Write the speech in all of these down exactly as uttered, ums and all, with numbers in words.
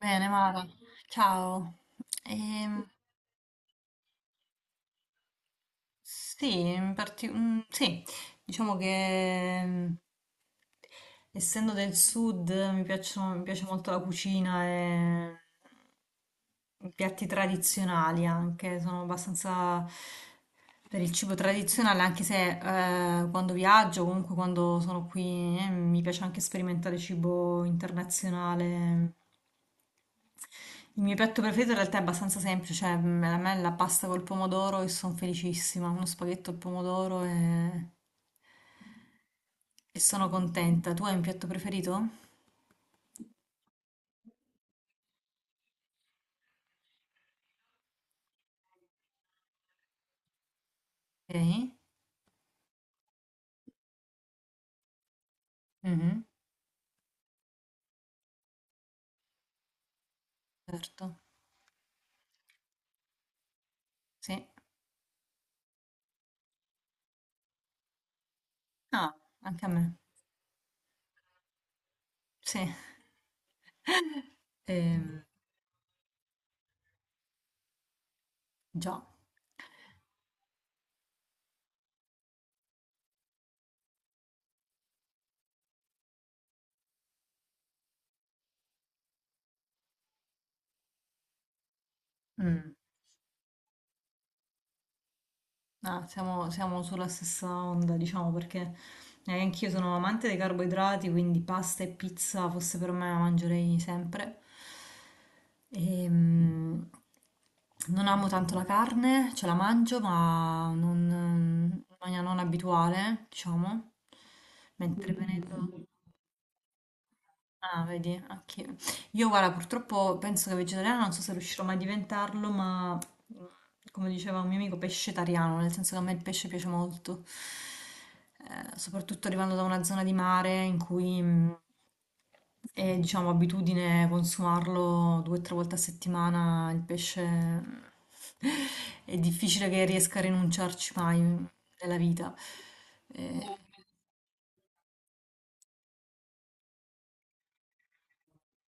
Bene, Mara, ciao. Ehm, sì, in parti- mm, sì, diciamo che mm, essendo del sud mi piacciono- mi piace molto la cucina e mm, i piatti tradizionali anche, sono abbastanza per il cibo tradizionale, anche se eh, quando viaggio, comunque quando sono qui, eh, mi piace anche sperimentare cibo internazionale. Il mio piatto preferito in realtà è abbastanza semplice, cioè mm, a me è la pasta col pomodoro e sono felicissima, uno spaghetto al pomodoro e... e sono contenta. Tu hai un piatto preferito? Ok, mhm. Certo, sì. Ah, anche a me, sì. Ehm, Già. Mm. Ah, siamo, siamo sulla stessa onda, diciamo, perché eh, anch'io sono amante dei carboidrati, quindi pasta e pizza fosse per me la mangerei sempre. Ehm, Non amo tanto la carne, ce la mangio, ma non, in maniera non abituale, diciamo. Mentre venendo... Ah, vedi, anche io, guarda, purtroppo penso che vegetariana non so se riuscirò mai a diventarlo, ma mm, come diceva un mio amico, pescetariano, nel senso che a me il pesce piace molto. Eh, soprattutto arrivando da una zona di mare in cui mh, è, diciamo, abitudine consumarlo due o tre volte a settimana, il pesce mh, è difficile che riesca a rinunciarci mai nella vita. Eh,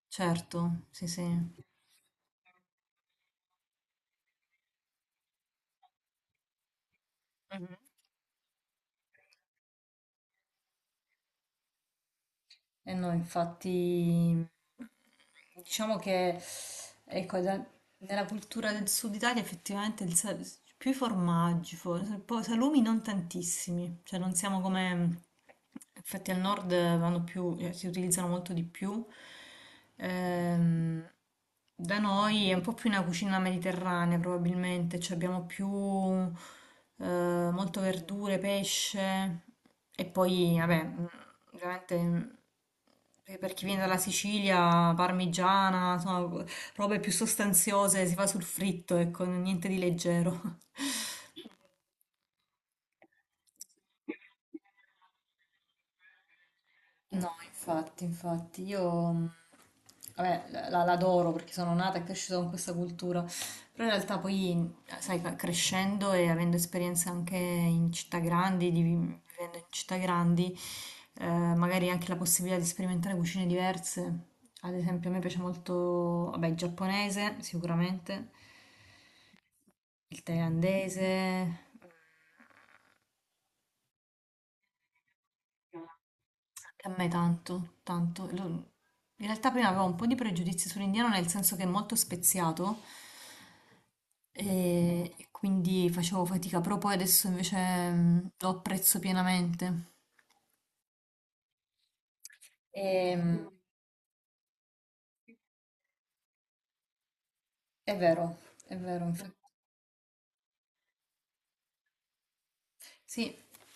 certo, sì, sì. Eh no, infatti, diciamo che ecco, da- nella cultura del sud Italia effettivamente il sa- più i formaggi, fo- poi salumi non tantissimi, cioè non siamo come, infatti al nord vanno più, eh, si utilizzano molto di più. Ehm, Da noi è un po' più una cucina mediterranea, probabilmente, cioè abbiamo più eh, molto verdure, pesce e poi, vabbè, mh, veramente mh, per per chi viene dalla Sicilia, parmigiana, insomma, robe più sostanziose, si fa sul fritto, ecco, niente di leggero. No, infatti, infatti, io mh, vabbè, la- la- l'adoro perché sono nata e cresciuta con questa cultura, però in realtà poi, sai, ca- crescendo e avendo esperienze anche in città grandi, di- vivendo in città grandi, eh, magari anche la possibilità di sperimentare cucine diverse. Ad esempio, a me piace molto, vabbè, il giapponese, sicuramente, il thailandese. Che a me tanto, tanto. Lo- In realtà prima avevo un po' di pregiudizi sull'indiano nel senso che è molto speziato e e quindi facevo fatica, però poi adesso invece mm, lo apprezzo pienamente. E, mm, è vero, è vero, infatti. Sì,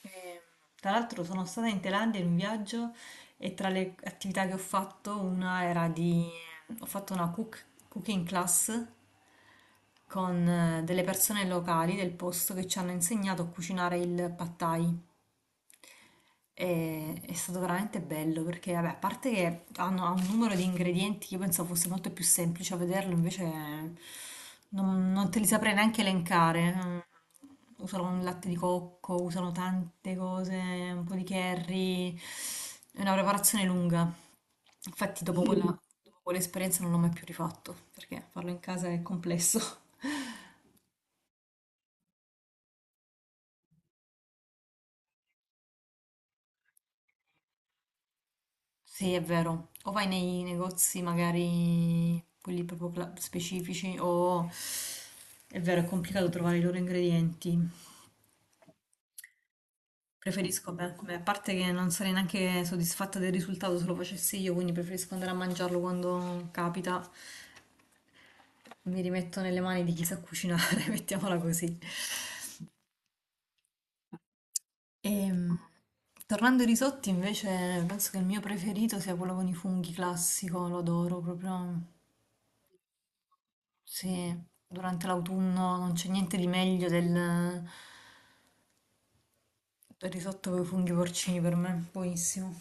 ehm, tra l'altro sono stata in Thailandia in un viaggio e tra le attività che ho fatto una era di... ehm, ho fatto una cook- cooking class con eh, delle persone locali del posto che ci hanno insegnato a cucinare il pad thai. E- è stato veramente bello perché, vabbè, a parte che hanno, ha un numero di ingredienti che io pensavo fosse molto più semplice a vederlo, invece non, non te li saprei neanche elencare. Mm, Usano il latte di cocco, usano tante cose, un po' di curry, è una preparazione lunga. Infatti, dopo quella, dopo quell'esperienza non l'ho mai più rifatto perché farlo in casa è complesso. Sì, è vero. O vai nei negozi magari quelli proprio cla- specifici o è vero, è complicato trovare i loro ingredienti. Preferisco, beh, beh, a parte che non sarei neanche soddisfatta del risultato se lo facessi io, quindi preferisco andare a mangiarlo quando capita. Mi rimetto nelle mani di chi sa cucinare, mettiamola così. Ehm, Tornando ai risotti, invece, penso che il mio preferito sia quello con i funghi classico, lo adoro proprio. Sì, durante l'autunno non c'è niente di meglio del, del risotto con i funghi porcini per me, buonissimo.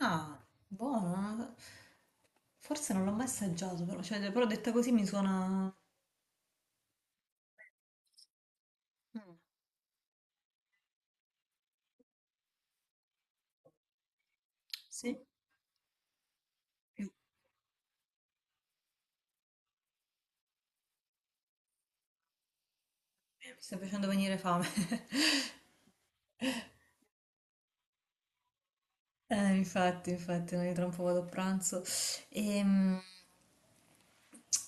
Ah, buono. Forse non l'ho mai assaggiato, però, cioè, però detta così mi suona... Sì? Mi mi sta facendo venire fame. Eh, infatti, infatti, noi tra un po' vado a pranzo. Ehm,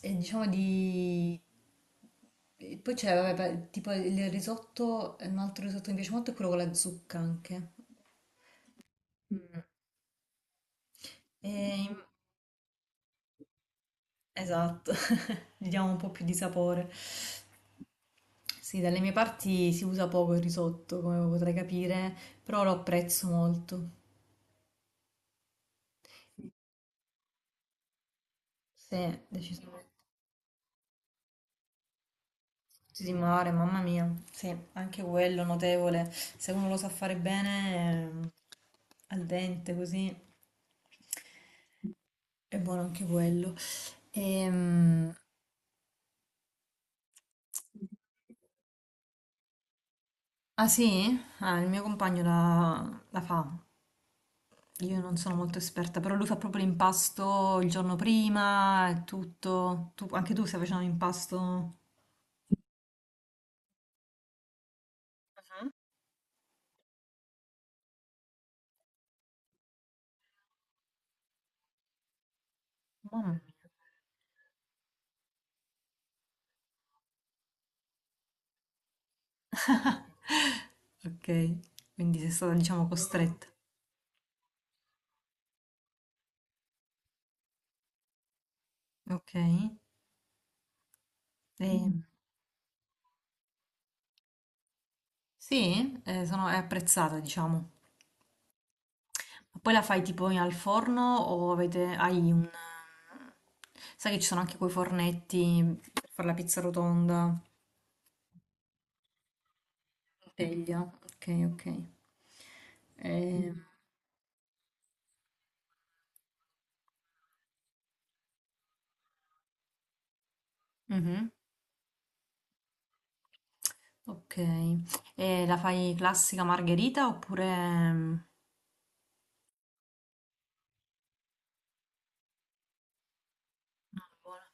E, diciamo di... e poi c'è, vabbè, beh, tipo il risotto, un altro risotto che mi piace molto è quello con la zucca anche. E- Esatto, gli diamo un po' più di sapore. Sì, dalle mie parti si usa poco il risotto, come potrai capire, però lo apprezzo molto. Sì, decisamente. Frutti di mare, mamma mia. Sì, anche quello notevole. Se uno lo sa fare bene, eh, al dente così, è buono anche quello. Ehm, Ah sì? Ah, il mio compagno la, la fa. Io non sono molto esperta, però lui fa proprio l'impasto il giorno prima e tutto. Tu- anche tu stai facendo l'impasto? Mamma mia. Ok, quindi sei stata, diciamo, costretta. Ok, mm. ehm, sì, eh, sono, è apprezzata, diciamo. Ma poi la fai tipo al forno o avete, hai un... Sai che ci sono anche quei fornetti per fare la pizza rotonda, in teglia. Ok, ok. Eh, Mm. Mhm, ok. E la fai classica margherita oppure... mm, no, buona.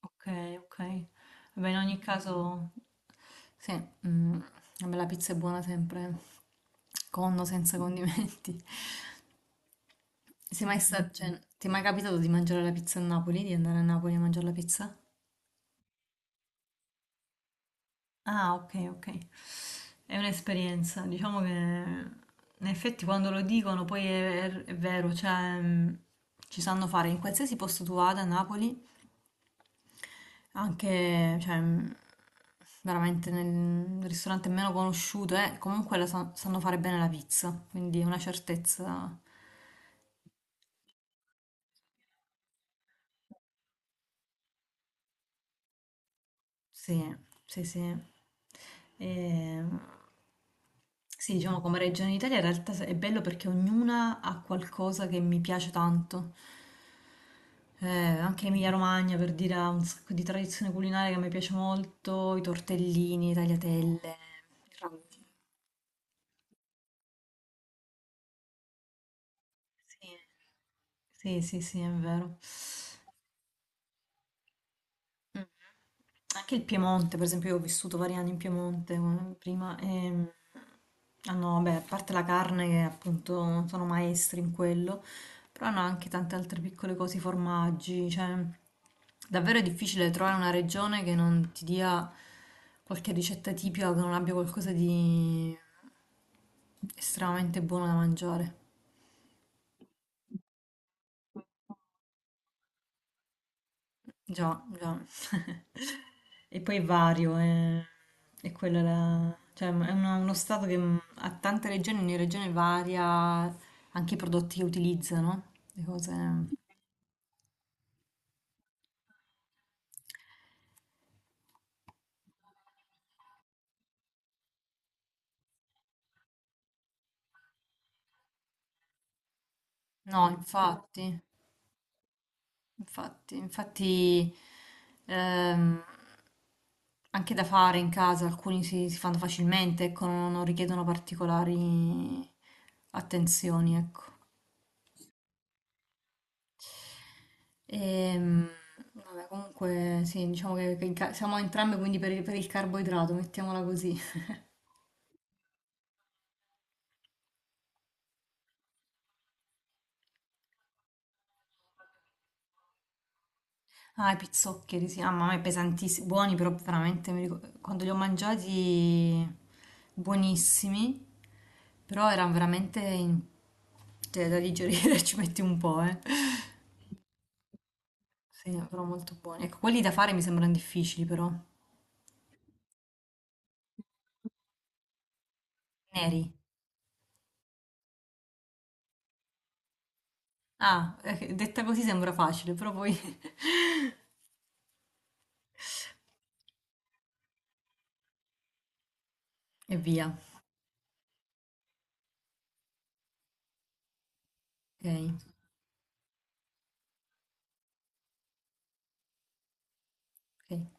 Okay, okay. Vabbè, in ogni caso, sì, mm, vabbè, la pizza è buona sempre, con o senza condimenti. Sei mai sta- Cioè, ti è mai capitato di mangiare la pizza a Napoli, di andare a Napoli a mangiare la pizza? Ah, ok, ok. È un'esperienza, diciamo che in effetti quando lo dicono poi è, è è vero, cioè mm, ci sanno fare in qualsiasi posto tu vada a Napoli. Anche, cioè, mh, veramente nel ristorante meno conosciuto, eh, comunque la sa- sanno fare bene la pizza, quindi è una certezza. Sì, sì, sì. E, sì, diciamo come regione d'Italia in realtà è bello perché ognuna ha qualcosa che mi piace tanto. Eh, Anche Emilia-Romagna per dire ha un sacco di tradizione culinaria che mi piace molto, i tortellini, i tagliatelle, il ragù. Sì. Sì, sì, sì, è vero. Mh. Anche il Piemonte, per esempio, io ho vissuto vari anni in Piemonte eh, prima e hanno, vabbè, a parte la carne che appunto sono maestri in quello, però hanno anche tante altre piccole cose, i formaggi, cioè davvero è difficile trovare una regione che non ti dia qualche ricetta tipica, che non abbia qualcosa di estremamente buono da mangiare. Già, già. E poi è vario, è, è quella, la- cioè, è una- uno stato che mm, ha tante regioni, ogni regione varia anche i prodotti che utilizzano, le cose... No, infatti, infatti, infatti ehm, anche da fare in casa, alcuni si, si fanno facilmente, ecco, non, non richiedono particolari attenzioni, ecco. Ehm, Vabbè, comunque sì, diciamo che, che in ca- siamo entrambe quindi per il, per il carboidrato, mettiamola così. Ah, i pizzoccheri, sì, ah, mamma mia, pesantissimi, buoni però veramente, mi ricor- quando li ho mangiati buonissimi, però erano veramente in- cioè, da digerire, ci metti un po', eh. Sì, però molto buoni. Ecco, quelli da fare mi sembrano difficili però, neri. Ah, eh, detta così sembra facile, però poi... E via. Ok, ok.